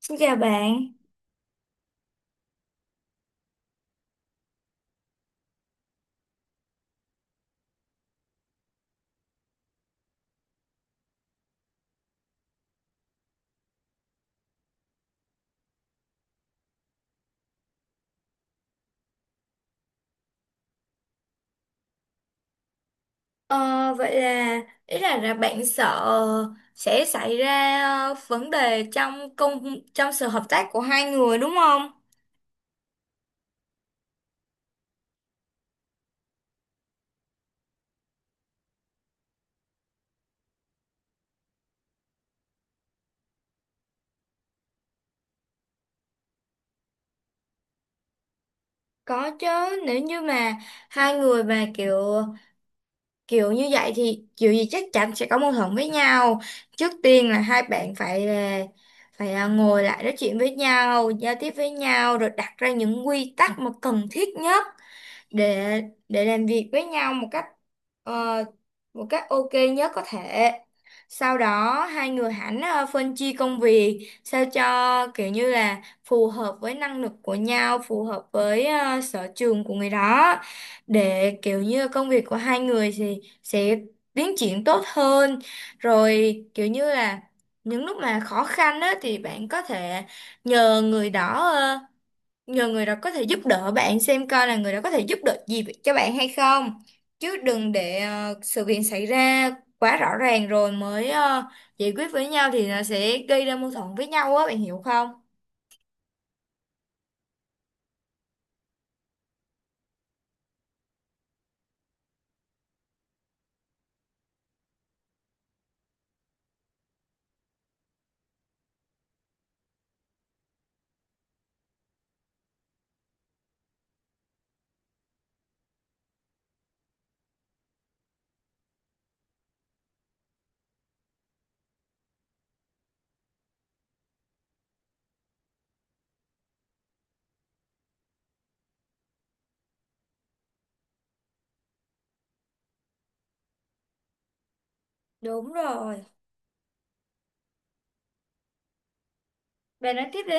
Xin chào bạn. Ờ, Vậy là ý là bạn sợ sẽ xảy ra vấn đề trong sự hợp tác của hai người đúng không? Có chứ, nếu như mà hai người mà kiểu kiểu như vậy thì kiểu gì chắc chắn sẽ có mâu thuẫn với nhau. Trước tiên là hai bạn phải là ngồi lại nói chuyện với nhau, giao tiếp với nhau rồi đặt ra những quy tắc mà cần thiết nhất để để làm việc với nhau ờ, một cách ok nhất có thể. Sau đó hai người hẳn phân chia công việc sao cho kiểu như là phù hợp với năng lực của nhau, phù hợp với sở trường của người đó để kiểu như công việc của hai người thì sẽ tiến triển tốt hơn. Rồi kiểu như là những lúc mà khó khăn á thì bạn có thể nhờ người đó ờ, nhờ người đó có thể giúp đỡ bạn xem coi là người đó có thể giúp được gì cho bạn hay không, chứ đừng để sự việc xảy ra quá rõ ràng rồi mới giải quyết với nhau thì nó sẽ gây ra mâu thuẫn với nhau á, bạn hiểu không? Đúng rồi, bạn nói tiếp đi.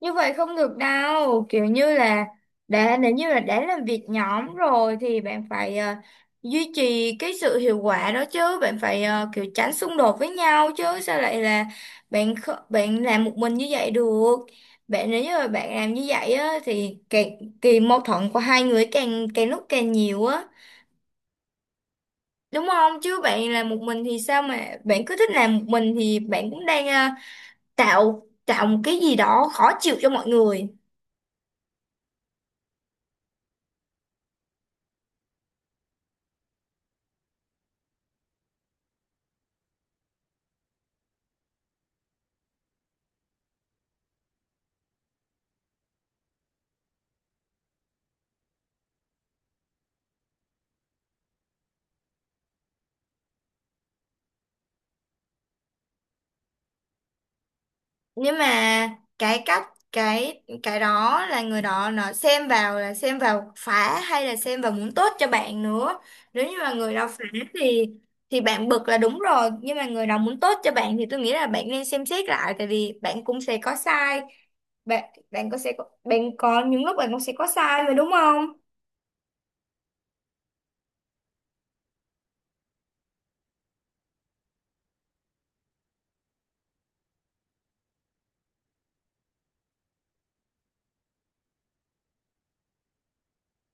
Như vậy không được đâu, kiểu như là nếu như là đã làm việc nhóm rồi thì bạn phải duy trì cái sự hiệu quả đó chứ, bạn phải kiểu tránh xung đột với nhau chứ sao lại là bạn làm một mình như vậy được. Bạn nếu như là bạn làm như vậy á thì càng kỳ, mâu thuẫn của hai người càng càng lúc càng nhiều á, đúng không? Chứ bạn làm một mình thì sao mà bạn cứ thích làm một mình thì bạn cũng đang tạo tạo một cái gì đó khó chịu cho mọi người. Nhưng mà cái cách cái đó là người đó nó xem vào, là xem vào phá hay là xem vào muốn tốt cho bạn nữa. Nếu như mà người đó phá thì bạn bực là đúng rồi, nhưng mà người đó muốn tốt cho bạn thì tôi nghĩ là bạn nên xem xét lại, tại vì bạn cũng sẽ có sai. Bạn bạn bạn có những lúc bạn cũng sẽ có sai mà, đúng không?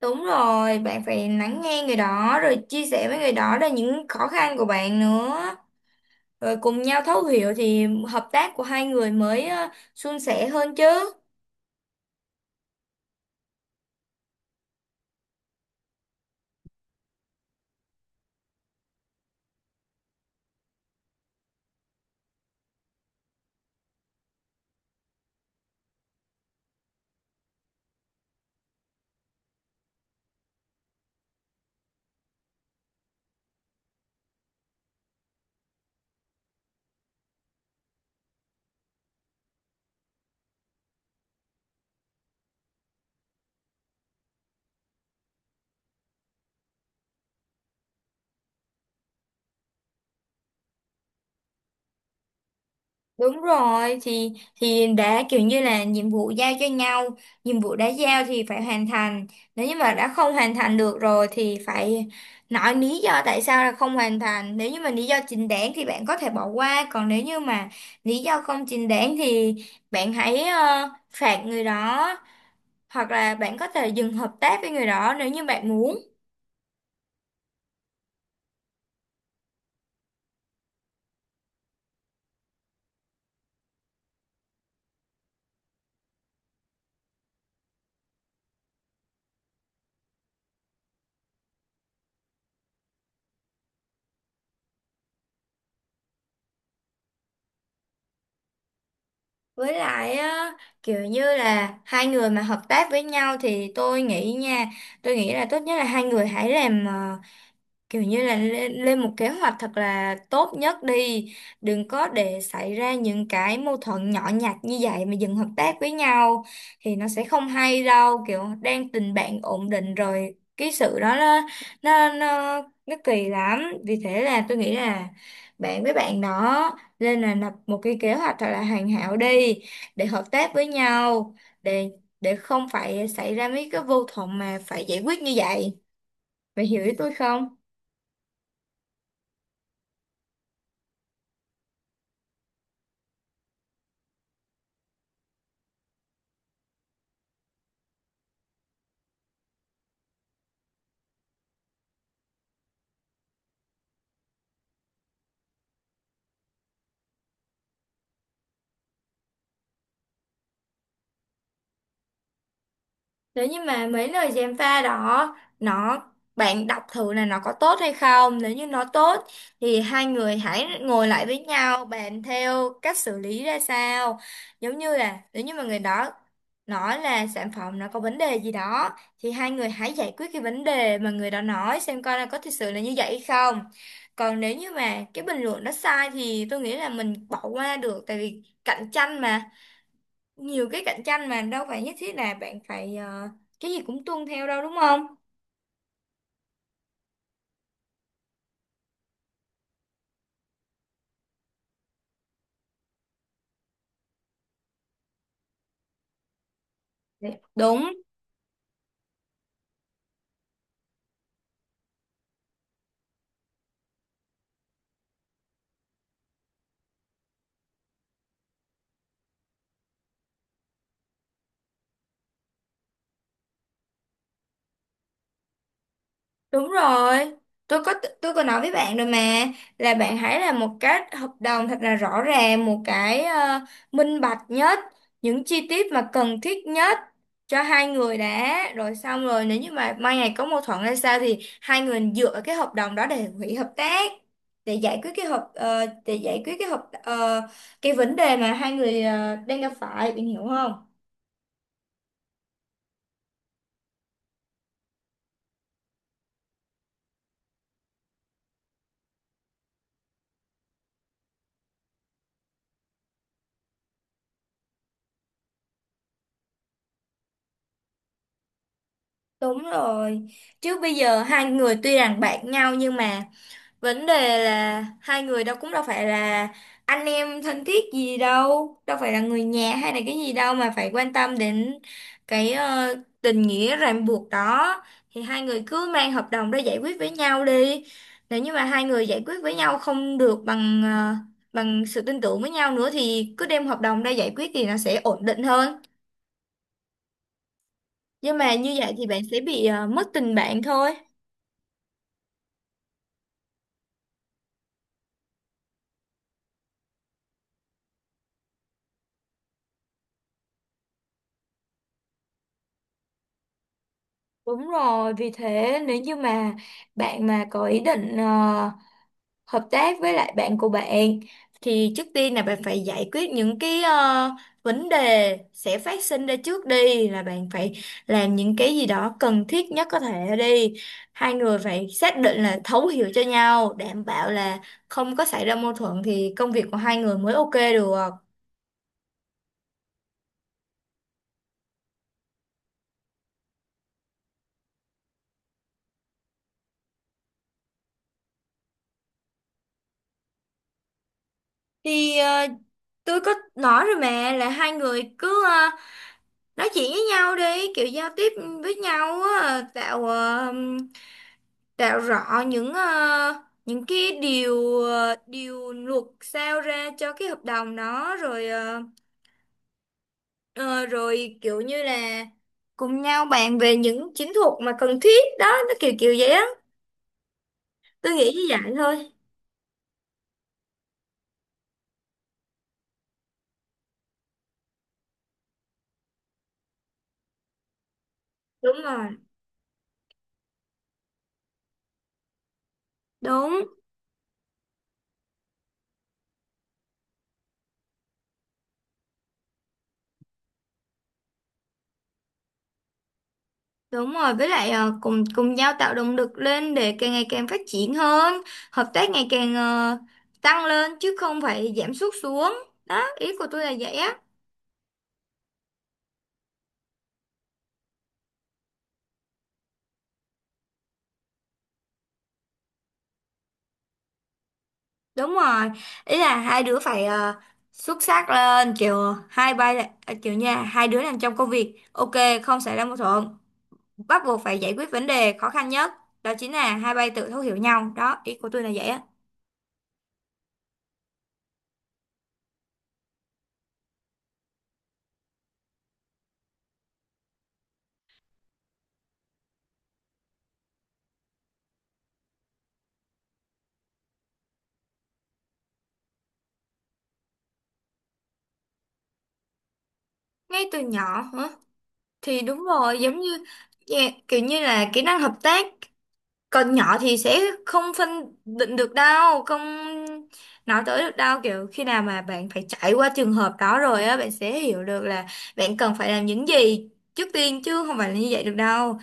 Đúng rồi, bạn phải lắng nghe người đó rồi chia sẻ với người đó là những khó khăn của bạn nữa. Rồi cùng nhau thấu hiểu thì hợp tác của hai người mới suôn sẻ hơn chứ. Đúng rồi, thì đã kiểu như là nhiệm vụ giao cho nhau, nhiệm vụ đã giao thì phải hoàn thành. Nếu như mà đã không hoàn thành được rồi thì phải nói lý do tại sao là không hoàn thành. Nếu như mà lý do chính đáng thì bạn có thể bỏ qua, còn nếu như mà lý do không chính đáng thì bạn hãy phạt người đó, hoặc là bạn có thể dừng hợp tác với người đó nếu như bạn muốn. Với lại á, kiểu như là hai người mà hợp tác với nhau thì tôi nghĩ là tốt nhất là hai người hãy làm kiểu như là lên một kế hoạch thật là tốt nhất đi, đừng có để xảy ra những cái mâu thuẫn nhỏ nhặt như vậy mà dừng hợp tác với nhau thì nó sẽ không hay đâu, kiểu đang tình bạn ổn định rồi cái sự đó nó kỳ lắm, vì thế là tôi nghĩ là bạn với bạn đó nên là lập một cái kế hoạch thật là hoàn hảo đi để hợp tác với nhau, để để không phải xảy ra mấy cái mâu thuẫn mà phải giải quyết như vậy, bạn hiểu ý tôi không? Nếu như mà mấy lời gièm pha đó nó, bạn đọc thử là nó có tốt hay không. Nếu như nó tốt thì hai người hãy ngồi lại với nhau bàn theo cách xử lý ra sao, giống như là nếu như mà người đó nói là sản phẩm nó có vấn đề gì đó thì hai người hãy giải quyết cái vấn đề mà người đó nói, xem coi là có thực sự là như vậy hay không. Còn nếu như mà cái bình luận đó sai thì tôi nghĩ là mình bỏ qua được, tại vì cạnh tranh mà, nhiều cái cạnh tranh mà đâu phải nhất thiết là bạn phải cái gì cũng tuân theo đâu, đúng không? Dạ. Đúng. Đúng rồi, tôi có tôi có nói với bạn rồi mà, là bạn hãy làm một cái hợp đồng thật là rõ ràng, một cái minh bạch nhất, những chi tiết mà cần thiết nhất cho hai người đã, rồi xong rồi nếu như mà mai ngày có mâu thuẫn hay sao thì hai người dựa vào cái hợp đồng đó để hủy hợp tác, để giải quyết cái hợp ờ, cái vấn đề mà hai người đang gặp phải, bạn hiểu không? Đúng rồi. Chứ bây giờ hai người tuy rằng bạn nhau nhưng mà vấn đề là hai người đâu, cũng đâu phải là anh em thân thiết gì đâu, đâu phải là người nhà hay là cái gì đâu mà phải quan tâm đến cái tình nghĩa ràng buộc đó, thì hai người cứ mang hợp đồng ra giải quyết với nhau đi. Nếu như mà hai người giải quyết với nhau không được bằng bằng sự tin tưởng với nhau nữa thì cứ đem hợp đồng ra giải quyết thì nó sẽ ổn định hơn. Nhưng mà như vậy thì bạn sẽ bị mất tình bạn thôi. Đúng rồi, vì thế nếu như mà bạn mà có ý định hợp tác với lại bạn của bạn thì trước tiên là bạn phải giải quyết những cái vấn đề sẽ phát sinh ra trước đi, là bạn phải làm những cái gì đó cần thiết nhất có thể đi. Hai người phải xác định là thấu hiểu cho nhau, đảm bảo là không có xảy ra mâu thuẫn thì công việc của hai người mới ok được. Thì tôi có nói rồi mà, là hai người cứ nói chuyện với nhau đi, kiểu giao tiếp với nhau á, Đạo rõ những cái điều điều luật sao ra cho cái hợp đồng đó, rồi kiểu như là cùng nhau bàn về những chiến thuật mà cần thiết đó, nó kiểu kiểu vậy á, tôi nghĩ như vậy thôi. Đúng rồi. Đúng. Đúng rồi, với lại cùng cùng nhau tạo động lực lên để càng ngày càng phát triển hơn, hợp tác ngày càng tăng lên chứ không phải giảm sút xuống. Đó ý của tôi là vậy á. Đúng rồi, ý là hai đứa phải xuất sắc lên, kiểu hai bay là à, kiểu nha hai đứa làm trong công việc ok, không xảy ra mâu thuẫn, bắt buộc phải giải quyết vấn đề khó khăn nhất, đó chính là hai bay tự thấu hiểu nhau. Đó ý của tôi là vậy á. Ngay từ nhỏ hả? Thì đúng rồi, giống như. Dạ, kiểu như là kỹ năng hợp tác còn nhỏ thì sẽ không phân định được đâu, không nói tới được đâu, kiểu khi nào mà bạn phải trải qua trường hợp đó rồi á bạn sẽ hiểu được là bạn cần phải làm những gì trước tiên, chứ không phải là như vậy được đâu.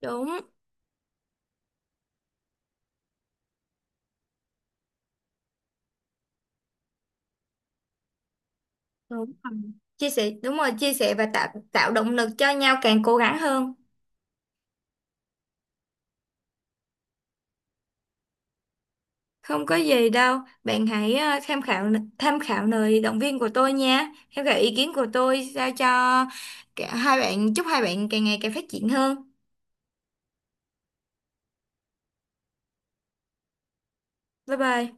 Đúng. Đúng rồi. Chia sẻ, đúng rồi, chia sẻ và tạo tạo động lực cho nhau càng cố gắng hơn. Không có gì đâu, bạn hãy tham khảo lời động viên của tôi nha, tham khảo ý kiến của tôi sao cho cả hai bạn. Chúc hai bạn càng ngày càng phát triển hơn. Bye bye.